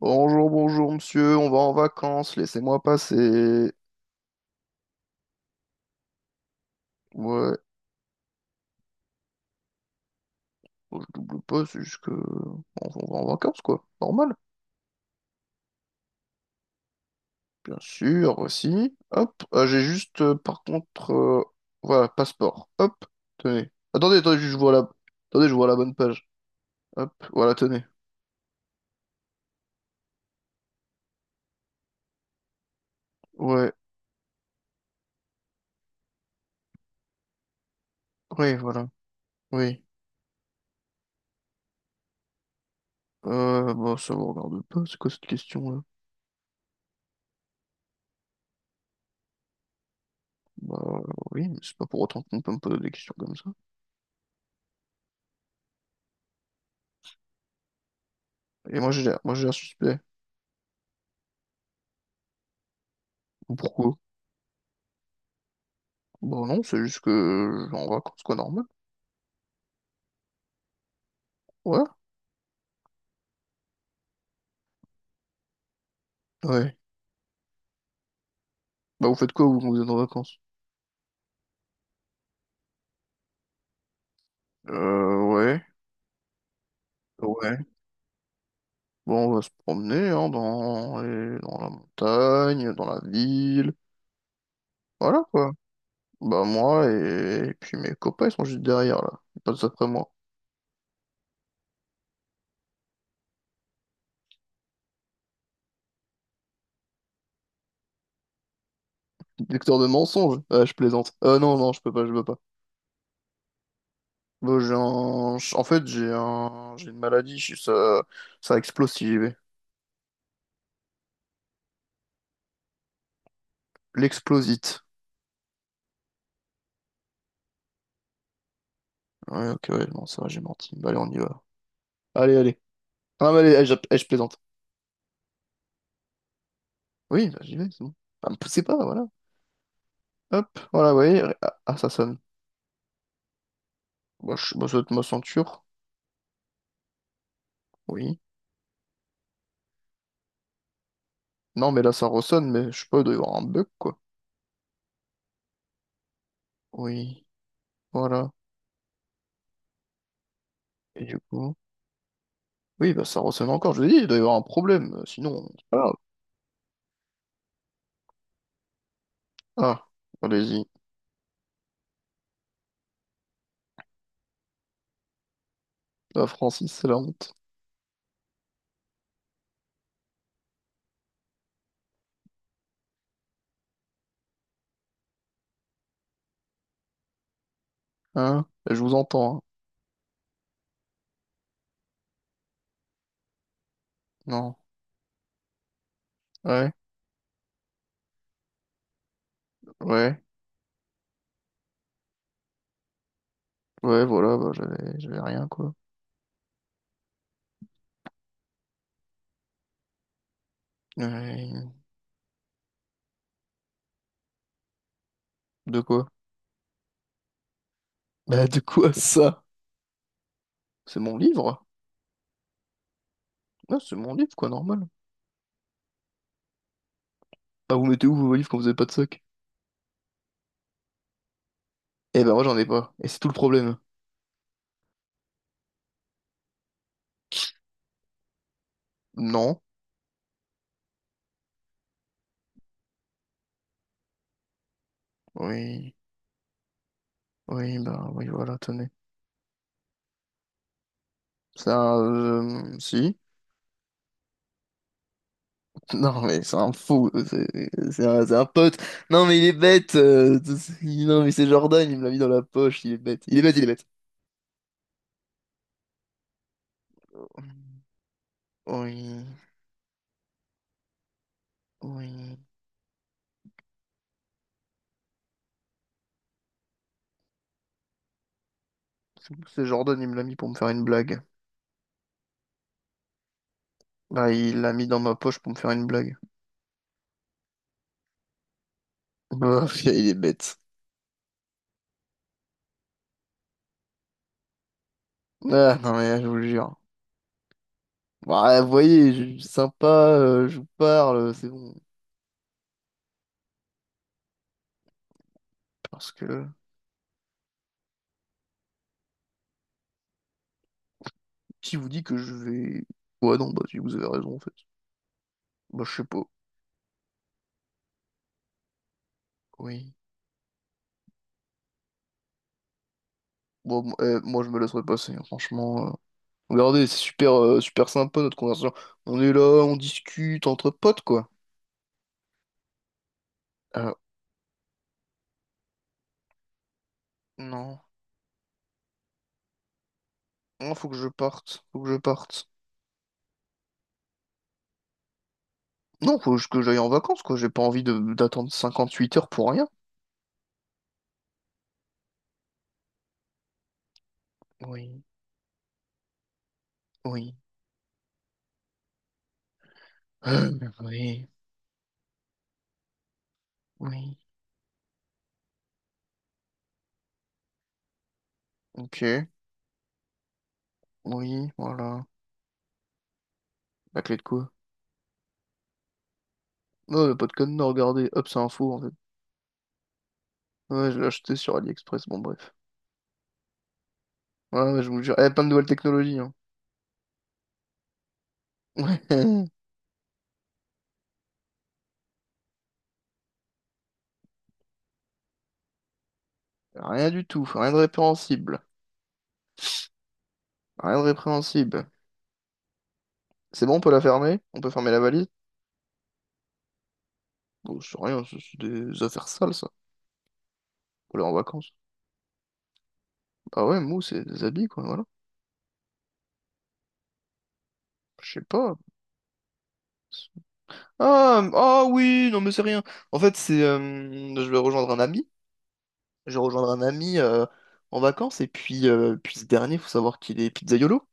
Bonjour, bonjour, monsieur, on va en vacances, laissez-moi passer. Ouais, je double pas, c'est juste que... On va en vacances, quoi. Normal. Bien sûr, aussi. Hop, j'ai juste, par contre... voilà, passeport. Hop, tenez. Attendez, attendez, je vois la... Attendez, je vois la bonne page. Hop, voilà, tenez. Ouais, oui, voilà. Oui. Bah, ça vous regarde pas, c'est quoi cette question-là? Bah, oui, mais c'est pas pour autant qu'on peut me poser des questions comme ça. Et moi, j'ai l'air suspect. Pourquoi? Bon, non, c'est juste que je vais en vacances, quoi, normal. Ouais? Ouais. Bah, vous faites quoi, vous, quand vous êtes en vacances? Ouais. Ouais. Bon, on va se promener, hein, dans, dans la montagne, dans la ville. Voilà, quoi. Bah, moi et puis mes copains, ils sont juste derrière, là. Ils passent après moi. Détecteur de mensonges? Ah, je plaisante. Non, non, je peux pas, je peux pas. Bon, j'ai un... En fait, j'ai un... J'ai une maladie, ça... ça explose si j'y vais. L'explosite. Ouais, ok, ouais, non, ça va, j'ai menti. Bah, allez, on y va. Allez, allez. Ah, mais allez, je plaisante. Oui, bah, j'y vais, c'est bon. Ah, me poussez pas, voilà. Hop, voilà, vous voyez. Ah, ah, ça sonne. Moi, ça doit être ma ceinture. Oui. Non, mais là, ça ressonne, mais je sais pas, il doit y avoir un bug, quoi. Oui, voilà. Et du coup. Oui, bah, ça ressonne encore. Je vous dis, il doit y avoir un problème. Sinon, c'est pas grave. Ah, allez-y. Ah, Francis, c'est la honte. Hein? Je vous entends, hein. Non. Ouais, ouais. Ouais, voilà, bah, j'avais rien, quoi. Ouais. De quoi? Bah, de quoi ça? C'est mon livre? Ah, c'est mon livre, quoi, normal. Ah, vous mettez où vos valises quand vous avez pas de sac? Eh ben, moi, j'en ai pas. Et c'est tout le problème. Non. Oui. Oui, bah, oui, voilà, tenez. C'est un... si. Non, mais c'est un fou. C'est c'est un pote. Non, mais il est bête. Non, mais c'est Jordan, il me l'a mis dans la poche. Il est bête. Il est bête, il est bête. Oui. Oui. C'est Jordan, il me l'a mis pour me faire une blague. Bah, il l'a mis dans ma poche pour me faire une blague. Bah, il est bête. Ah, non, mais là, je vous le jure. Bah, vous voyez, je suis sympa, je vous parle, c'est bon. Parce que qui vous dit que je vais... Ouais, non, bah si vous avez raison en fait. Bah je sais pas. Oui. Bon, moi je me laisserai passer, hein, franchement. Regardez, c'est super, super sympa notre conversation. On est là, on discute entre potes quoi. Euh, non. Non, faut que je parte. Faut que je parte. Non, faut que j'aille en vacances quoi. J'ai pas envie de d'attendre 58 heures pour rien. Oui. Oui. Euh, Oui. Oui. Ok. Oui, voilà. La clé de quoi? Non, le pas de code, non, regardez. Hop, c'est un faux en fait. Ouais, je l'ai acheté sur AliExpress, bon bref. Ouais, ouais, je vous jure. Eh, plein de nouvelles technologies, hein. Ouais. Rien du tout, rien de répréhensible. Rien de répréhensible. C'est bon, on peut la fermer? On peut fermer la valise? Bon, c'est rien, c'est des affaires sales, ça. Pour aller en vacances. Ah ouais, mou, c'est des habits, quoi, voilà. Je sais pas. Ah, ah oui, non mais c'est rien. En fait, c'est je vais rejoindre un ami. Je vais rejoindre un ami en vacances et puis puis ce dernier, faut savoir qu'il est pizzaïolo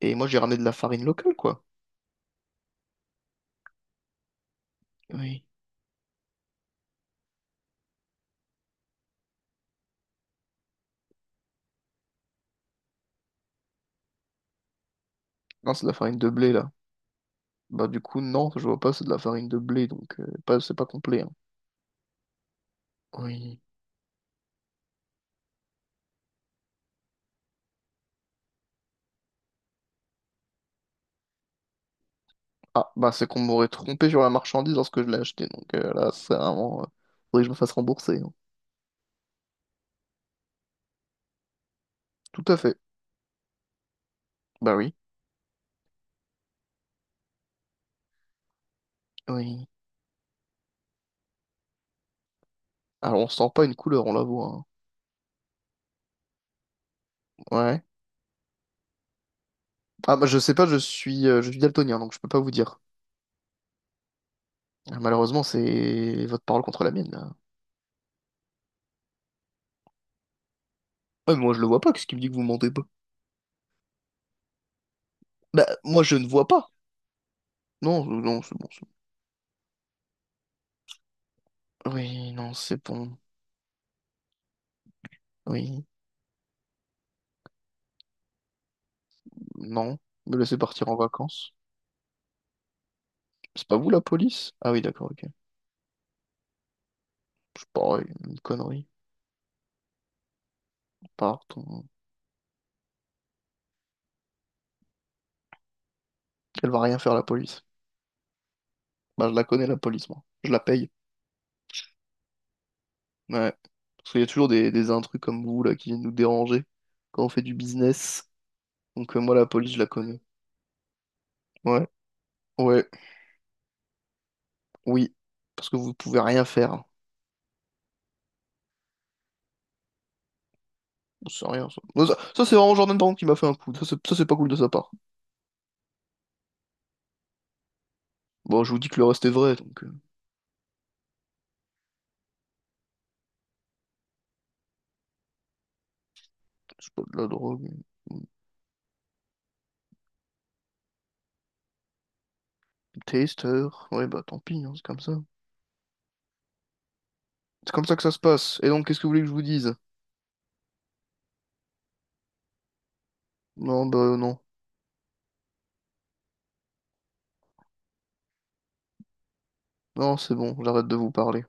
et moi j'ai ramené de la farine locale quoi. Oui. Non, c'est de la farine de blé là. Bah du coup non, je vois pas, c'est de la farine de blé, donc pas, c'est pas complet, hein. Oui. Ah bah c'est qu'on m'aurait trompé sur la marchandise lorsque je l'ai acheté, donc là c'est vraiment... faudrait que je me fasse rembourser, hein. Tout à fait. Bah oui. Oui. Alors on sent pas une couleur, on la voit, hein. Ouais. Ah bah je sais pas, je suis daltonien, donc je peux pas vous dire. Ah, malheureusement c'est votre parole contre la mienne là. Ouais, moi je le vois pas, qu'est-ce qui me dit que vous mentez pas? Bah moi je ne vois pas. Non, non, c'est bon, c'est bon. Oui, non, c'est bon. Oui. Non, me laisser partir en vacances. C'est pas vous la police? Ah oui, d'accord, ok. Je sais une connerie. Part, on- Elle va rien faire la police. Bah, je la connais la police, moi. Je la paye. Ouais. Parce qu'il y a toujours des intrus comme vous là qui viennent nous déranger quand on fait du business. Donc moi la police, je la connais. Ouais, ouais, oui. Parce que vous pouvez rien faire. Bon, c'est rien ça. Bon, ça, c'est vraiment Jordan Brown qui m'a fait un coup. Ça, c'est pas cool de sa part. Bon, je vous dis que le reste est vrai, donc c'est pas de la drogue. Taster. Ouais, bah tant pis, hein, c'est comme ça. C'est comme ça que ça se passe. Et donc, qu'est-ce que vous voulez que je vous dise? Non, bah non. Non, c'est bon, j'arrête de vous parler.